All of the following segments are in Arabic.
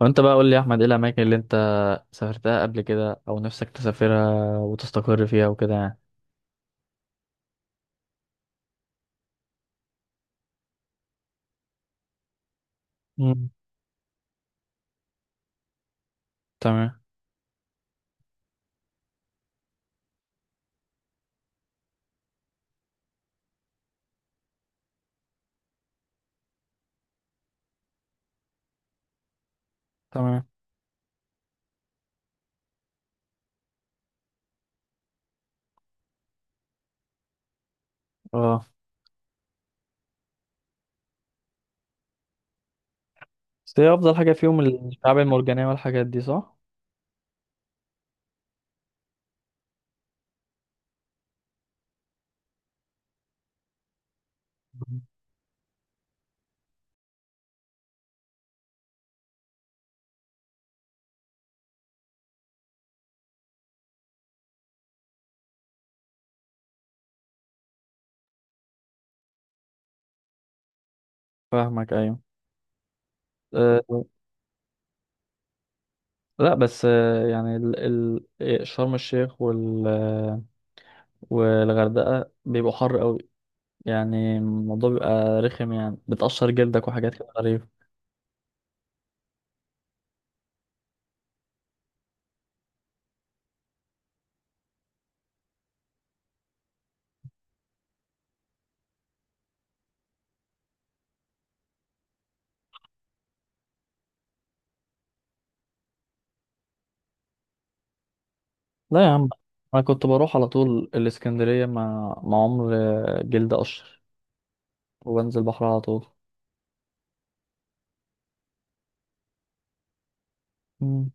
وانت بقى قول لي يا احمد، ايه الاماكن اللي انت سافرتها قبل كده او نفسك تسافرها وتستقر فيها وكده يعني؟ مم. تمام تمام. اه، بس هي افضل حاجه فيهم الشعاب المرجانيه والحاجات دي، صح؟ مم. فاهمك ايوه. أه، لا بس يعني ال شرم الشيخ وال والغردقه بيبقوا حر قوي. يعني الموضوع بيبقى رخم، يعني بتقشر جلدك وحاجات كده غريبه. لا يا عم، انا كنت بروح على طول الاسكندريه مع عمر، جلد قشر وبنزل البحر على طول. مم.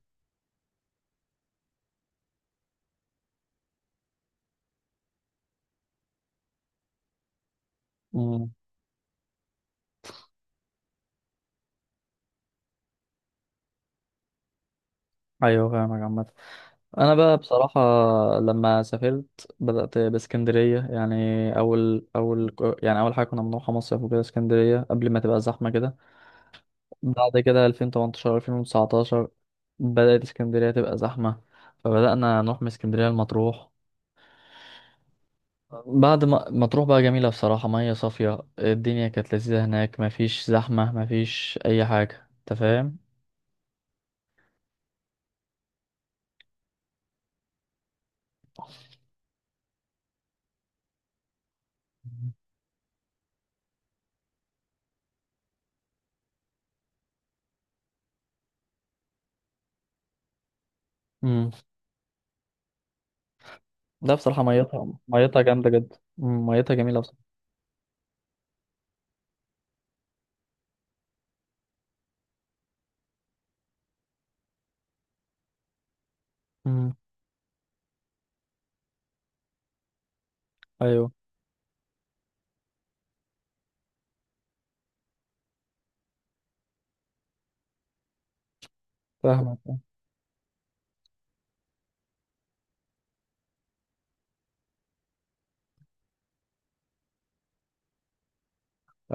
مم. ايوه فاهمك عامة. انا بقى بصراحة لما سافرت بدأت باسكندرية يعني، اول يعني اول حاجة كنا بنروحها مصيف وكده اسكندرية قبل ما تبقى زحمة كده. بعد كده 2018 2019 بدأت اسكندرية تبقى زحمة، فبدأنا نروح من اسكندرية لمطروح. بعد ما مطروح بقى جميلة بصراحة، مية صافية، الدنيا كانت لذيذة هناك، مفيش زحمة، مفيش أي حاجة، أنت فاهم؟ مم. لا بصراحة، ميتها ميتها جامدة جدا، ميتها جميلة بصراحة. مم. أيوه فاهمك.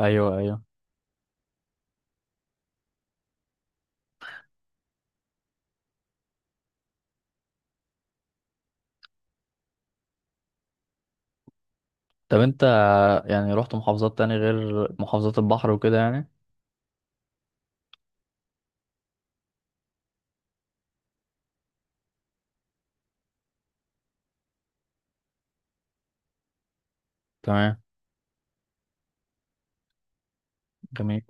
ايوه ايوه. طب انت يعني رحت محافظات تاني غير محافظات البحر وكده يعني؟ تمام. جميل.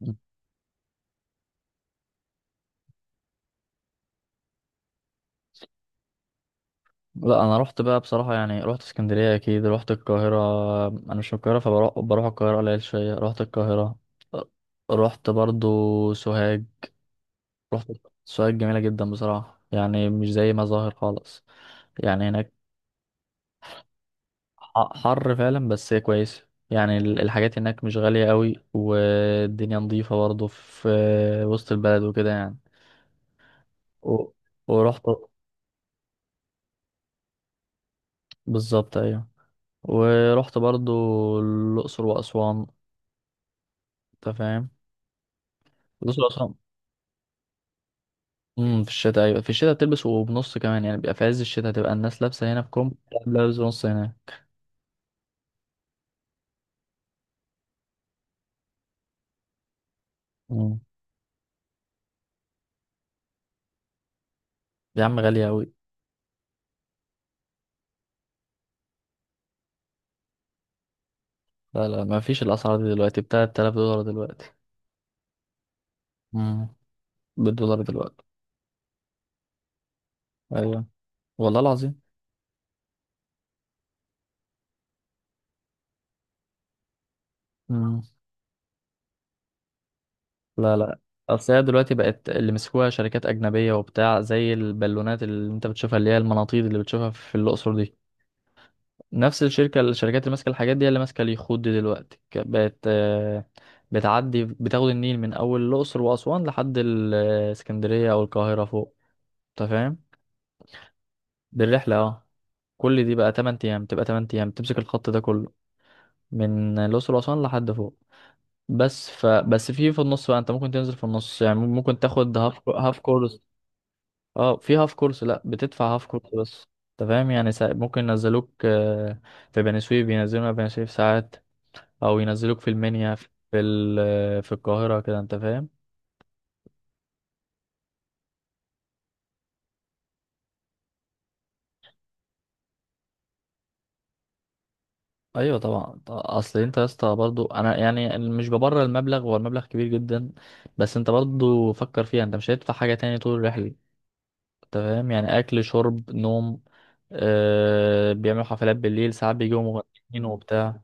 مم. لا انا رحت بقى بصراحه يعني، رحت اسكندريه اكيد، رحت القاهره. انا مش من القاهره، فبروح القاهره قليل شويه، رحت القاهره. رحت برضو سوهاج. رحت سوهاج جميله جدا بصراحه، يعني مش زي ما ظاهر خالص يعني. هناك حر فعلا، بس هي كويسة، يعني الحاجات هناك مش غالية قوي، والدنيا نظيفة برضه في وسط البلد وكده يعني. و... ورحت، بالظبط ايوه. ورحت برضه الأقصر وأسوان، انت فاهم؟ الأقصر وأسوان، في الشتاء، ايوه في الشتاء بتلبس وبنص كمان، يعني بيبقى في عز الشتاء تبقى الناس لابسة هنا في كم، لابس بنص هناك. امم يا عم غالية قوي. لا لا، ما فيش الأسعار دي دلوقتي، ب $3000 دلوقتي. امم بالدولار دلوقتي. ايوه والله العظيم. مم. لا لا، اصل هي دلوقتي بقت اللي مسكوها شركات اجنبيه وبتاع، زي البالونات اللي انت بتشوفها، اللي هي المناطيد اللي بتشوفها في الاقصر دي، نفس الشركه الشركات اللي ماسكه الحاجات دي هي اللي ماسكه اليخوت دي دلوقتي، بقت، بتعدي بتاخد النيل من اول الاقصر واسوان لحد الاسكندريه او القاهره فوق، انت فاهم؟ بالرحله اه. كل دي بقى 8 ايام، تبقى 8 ايام تمسك الخط ده كله من الاقصر واسوان لحد فوق. بس ف بس في النص بقى انت ممكن تنزل في النص، يعني ممكن تاخد هاف كورس. اه في هاف كورس، لا بتدفع هاف كورس بس. انت فاهم يعني، ممكن ينزلوك، في بني سويف، ينزلونا في بني سويف ساعات، او ينزلوك في المنيا، في ال... آه، في القاهرة كده، انت فاهم؟ ايوه طبعا، اصل انت يا اسطى برضو، انا يعني مش ببرر المبلغ، هو المبلغ كبير جدا، بس انت برضو فكر فيها، انت مش هتدفع حاجة تاني طول الرحلة، انت فاهم؟ يعني اكل شرب نوم. بيعملوا حفلات بالليل ساعات، بيجوا مغنيين وبتاع.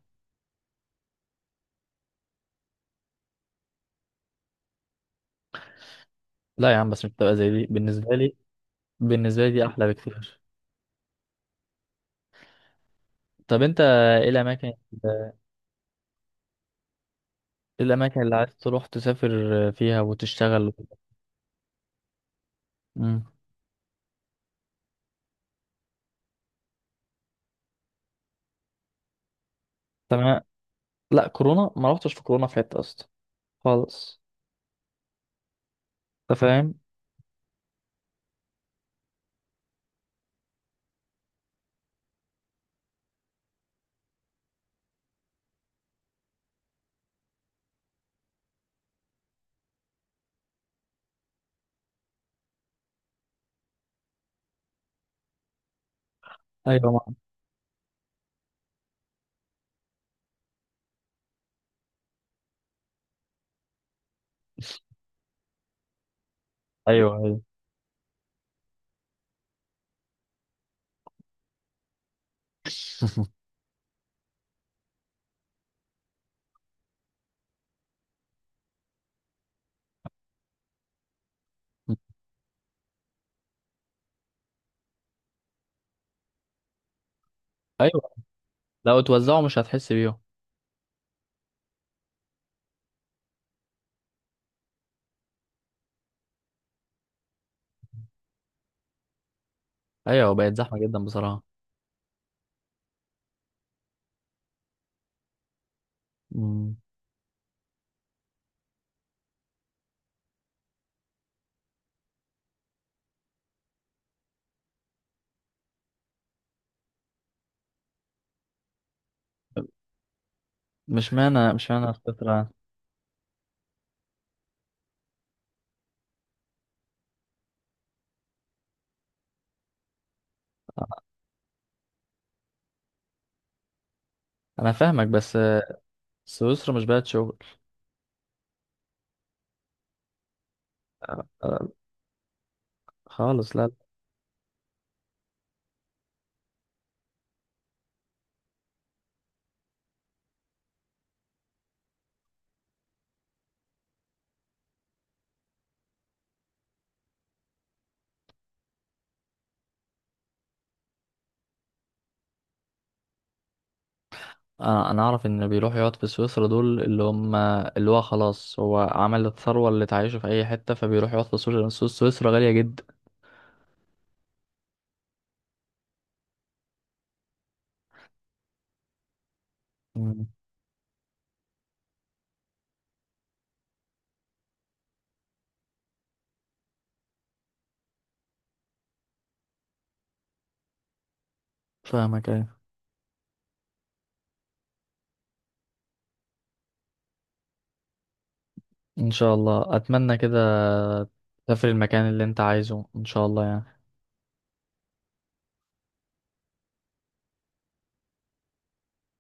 لا يا عم، بس مش بتبقى زي دي بالنسبة لي، بالنسبة لي دي احلى بكتير. طب انت ايه الاماكن اللي عايز تروح تسافر فيها وتشتغل؟ امم تمام. لا كورونا ما رحتش في كورونا في حته اصلا خالص، انت فاهم؟ ايوه ما. ايوه ايوه. مم. ايوه لو اتوزعوا مش هتحس بيهم. ايوه بقت زحمه جدا بصراحه. مم. مش معنى الفكره. انا فاهمك، بس سويسرا مش بلد شغل خالص، لا. انا اعرف ان اللي بيروحوا يقعد في سويسرا دول اللي هم اللي هو خلاص هو عمل الثروه اللي تعيشه في اي حته، فبيروح يقعد في سويسرا، سويسرا غاليه جدا. مم. فاهمك ايه. ان شاء الله اتمنى كده، تسافر المكان اللي انت عايزه ان شاء الله يعني.